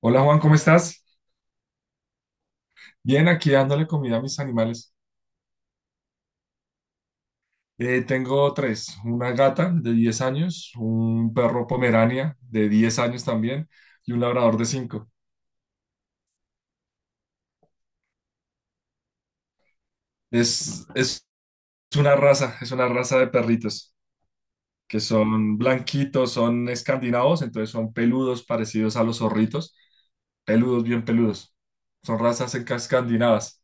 Hola Juan, ¿cómo estás? Bien, aquí dándole comida a mis animales. Tengo tres, una gata de 10 años, un perro pomerania de 10 años también y un labrador de cinco. Es una raza, es una raza de perritos que son blanquitos, son escandinavos, entonces son peludos parecidos a los zorritos, peludos, bien peludos. Son razas escandinavas.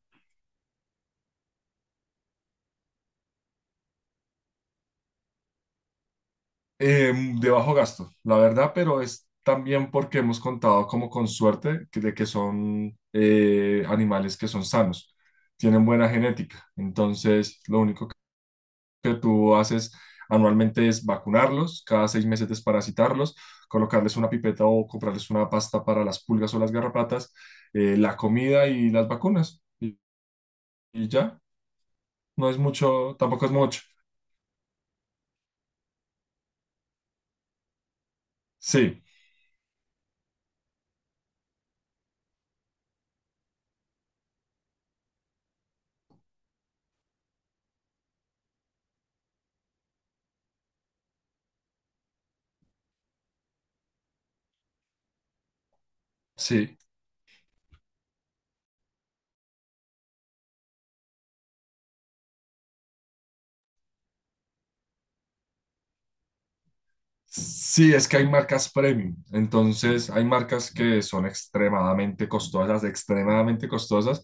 eh, de bajo gasto, la verdad, pero es también porque hemos contado como con suerte de que son animales que son sanos, tienen buena genética. Entonces, lo único que tú haces anualmente es vacunarlos, cada 6 meses desparasitarlos, colocarles una pipeta o comprarles una pasta para las pulgas o las garrapatas, la comida y las vacunas. Y ya, no es mucho, tampoco es mucho. Sí, sí. Sí, es que hay marcas premium, entonces hay marcas que son extremadamente costosas,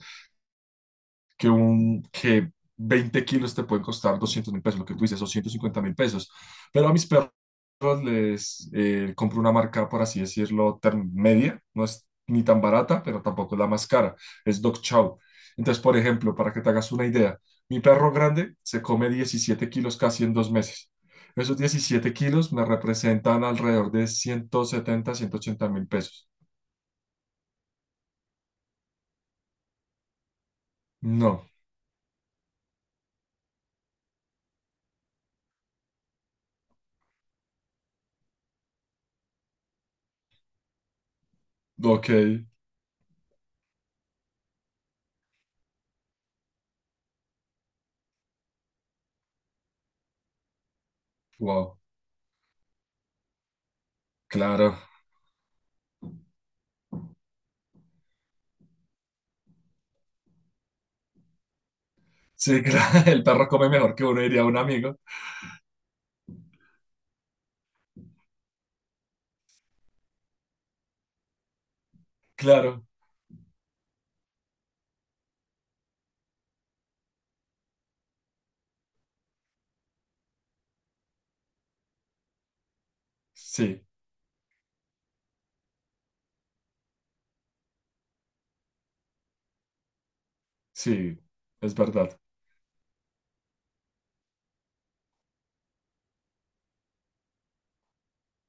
que 20 kilos te pueden costar 200.000 pesos, lo que tú dices, 250.000 pesos. Pero a mis perros les compro una marca, por así decirlo, media, no es ni tan barata, pero tampoco es la más cara, es Dog Chow. Entonces, por ejemplo, para que te hagas una idea, mi perro grande se come 17 kilos casi en 2 meses. Esos 17 kilos me representan alrededor de 170 180.000 pesos. No, ok, wow, claro. Sí, claro, el perro come mejor que uno, diría un amigo. Claro, sí, sí, es verdad.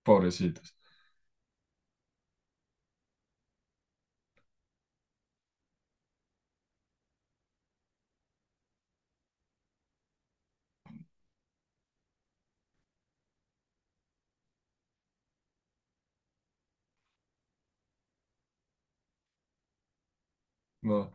Pobrecitos. No.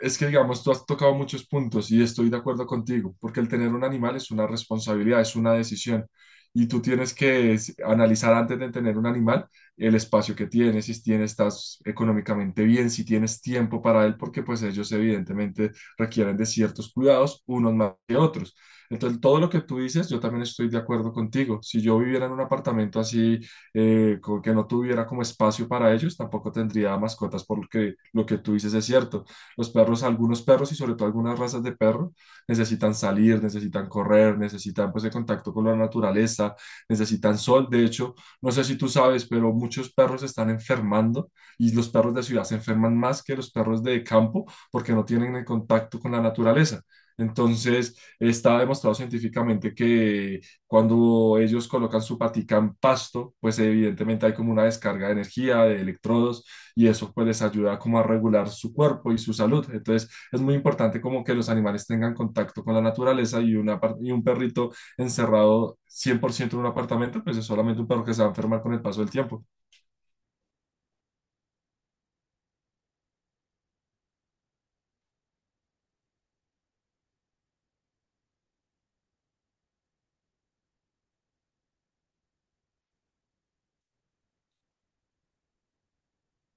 Es que, digamos, tú has tocado muchos puntos y estoy de acuerdo contigo, porque el tener un animal es una responsabilidad, es una decisión. Y tú tienes que analizar antes de tener un animal el espacio que tienes, si tienes, estás económicamente bien, si tienes tiempo para él, porque pues ellos evidentemente requieren de ciertos cuidados, unos más que otros. Entonces, todo lo que tú dices, yo también estoy de acuerdo contigo. Si yo viviera en un apartamento así, que no tuviera como espacio para ellos, tampoco tendría mascotas, porque lo que tú dices es cierto, los perros, algunos perros y sobre todo algunas razas de perro necesitan salir, necesitan correr, necesitan pues el contacto con la naturaleza, necesitan sol. De hecho, no sé si tú sabes, pero muchos perros se están enfermando y los perros de ciudad se enferman más que los perros de campo porque no tienen el contacto con la naturaleza. Entonces, está demostrado científicamente que cuando ellos colocan su patica en pasto, pues evidentemente hay como una descarga de energía, de electrodos, y eso pues les ayuda como a regular su cuerpo y su salud. Entonces es muy importante como que los animales tengan contacto con la naturaleza y, y un perrito encerrado 100% en un apartamento, pues es solamente un perro que se va a enfermar con el paso del tiempo.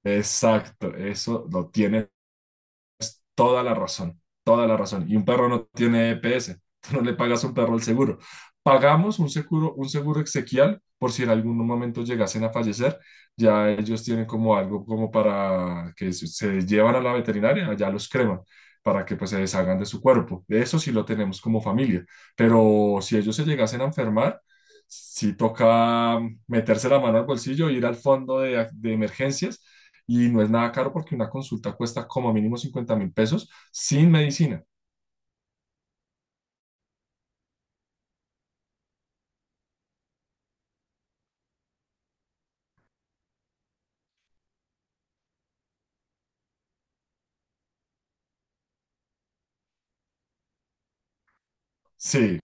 Exacto, eso lo tiene. Toda la razón, toda la razón. Y un perro no tiene EPS, tú no le pagas a un perro el seguro. Pagamos un seguro exequial por si en algún momento llegasen a fallecer, ya ellos tienen como algo como para que se llevan a la veterinaria, allá los creman para que pues se deshagan de su cuerpo. Eso sí lo tenemos como familia, pero si ellos se llegasen a enfermar, sí toca meterse la mano al bolsillo, ir al fondo de emergencias, y no es nada caro porque una consulta cuesta como mínimo 50.000 pesos sin medicina. Sí,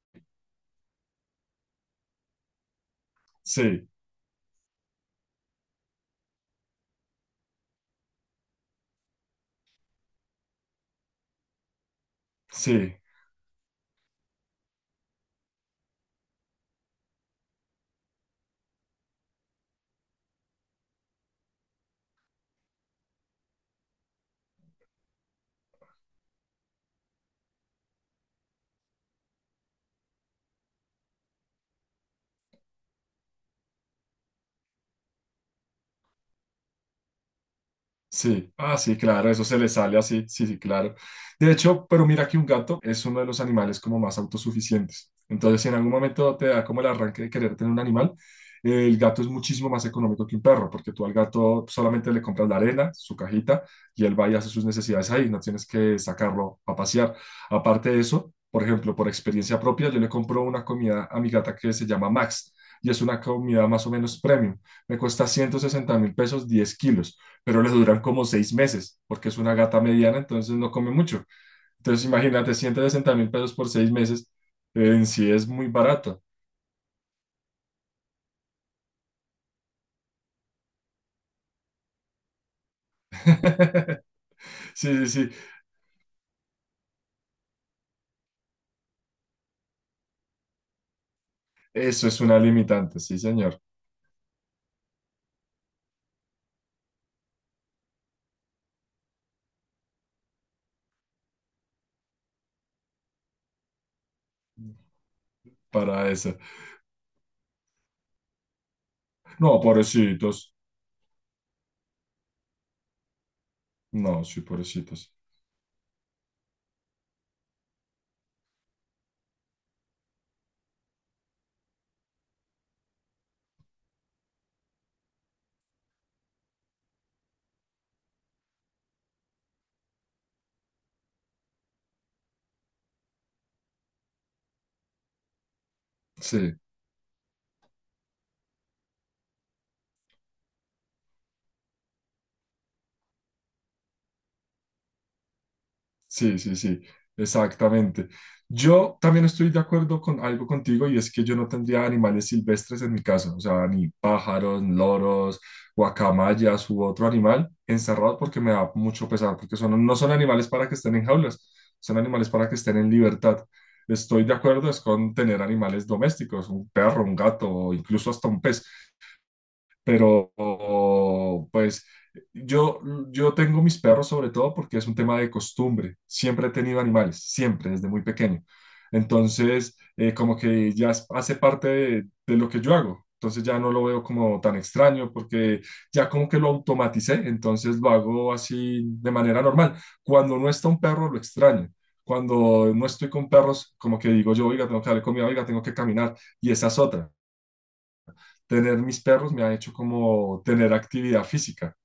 sí, sí. Sí, ah, sí, claro, eso se le sale así, sí, sí, claro. De hecho, pero mira que un gato es uno de los animales como más autosuficientes. Entonces, si en algún momento te da como el arranque de querer tener un animal, el gato es muchísimo más económico que un perro, porque tú al gato solamente le compras la arena, su cajita, y él va y hace sus necesidades ahí, no tienes que sacarlo a pasear. Aparte de eso, por ejemplo, por experiencia propia, yo le compro una comida a mi gata que se llama Max, y es una comida más o menos premium. Me cuesta 160 mil pesos, 10 kilos, pero les duran como 6 meses, porque es una gata mediana, entonces no come mucho. Entonces imagínate, 160.000 pesos por 6 meses, en sí es muy barato. Sí, sí, sí, eso es una limitante, sí, señor, para eso. No, pobrecitos, no, sí, pobrecitos, sí. Sí, sí, sí, exactamente. Yo también estoy de acuerdo con algo contigo y es que yo no tendría animales silvestres en mi casa, o sea, ni pájaros, loros, guacamayas u otro animal encerrado porque me da mucho pesar, porque son, no son animales para que estén en jaulas, son animales para que estén en libertad. Estoy de acuerdo es con tener animales domésticos, un perro, un gato o incluso hasta un pez, pero pues yo, yo tengo mis perros sobre todo porque es un tema de costumbre. Siempre he tenido animales, siempre, desde muy pequeño. Entonces, como que ya hace parte de lo que yo hago. Entonces ya no lo veo como tan extraño porque ya como que lo automaticé, entonces lo hago así de manera normal. Cuando no está un perro, lo extraño. Cuando no estoy con perros, como que digo yo, oiga, tengo que darle comida, oiga, tengo que caminar. Y esa es otra, tener mis perros me ha hecho como tener actividad física.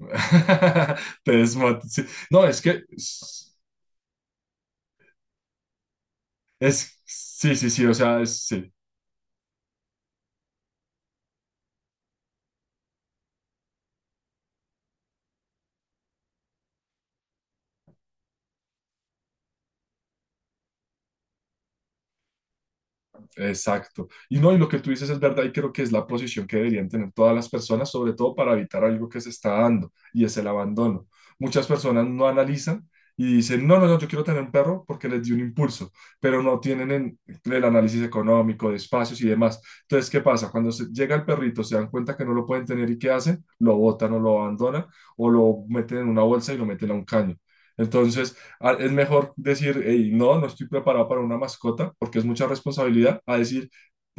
Sí. No, es que es, sí, sí, sí, o sea, sí. Exacto. Y no, y lo que tú dices es verdad y creo que es la posición que deberían tener todas las personas, sobre todo para evitar algo que se está dando y es el abandono. Muchas personas no analizan y dicen, no, no, no, yo quiero tener un perro porque les dio un impulso, pero no tienen el análisis económico, de espacios y demás. Entonces, ¿qué pasa? Cuando llega el perrito, se dan cuenta que no lo pueden tener y ¿qué hacen? Lo botan o lo abandonan o lo meten en una bolsa y lo meten a un caño. Entonces, es mejor decir, "Ey, no, no estoy preparado para una mascota porque es mucha responsabilidad", a decir,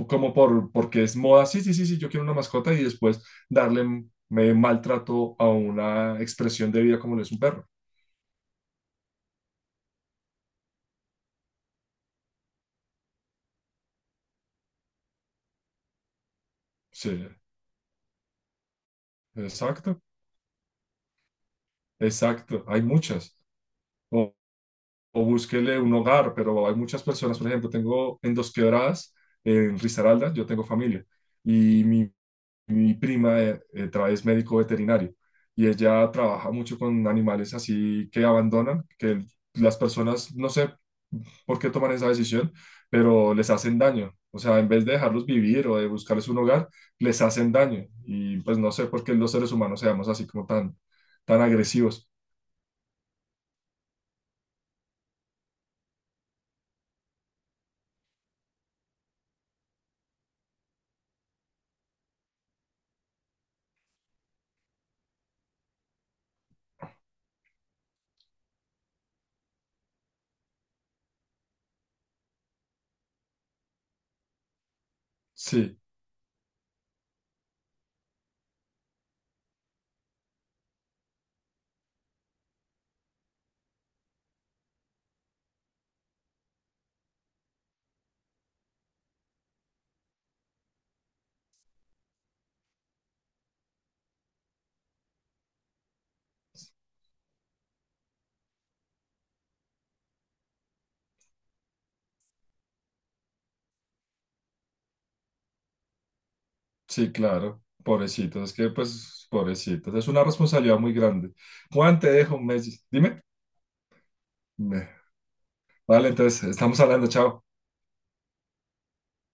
como porque es moda, sí, sí, sí, sí, yo quiero una mascota y después darle maltrato a una expresión de vida como lo es un perro. Sí, exacto, exacto, hay muchas. O, o búsquele un hogar, pero hay muchas personas, por ejemplo, tengo en Dos Quebradas, en Risaralda, yo tengo familia. Y mi prima es médico veterinario y ella trabaja mucho con animales así que abandonan, que las personas, no sé por qué toman esa decisión, pero les hacen daño. O sea, en vez de dejarlos vivir o de buscarles un hogar, les hacen daño. Y pues no sé por qué los seres humanos seamos así como tan, tan agresivos. Sí, sí, claro. Pobrecitos, es que pues, pobrecitos, es una responsabilidad muy grande. Juan, te dejo un mes. Dime. Ve, vale, entonces, estamos hablando, chao.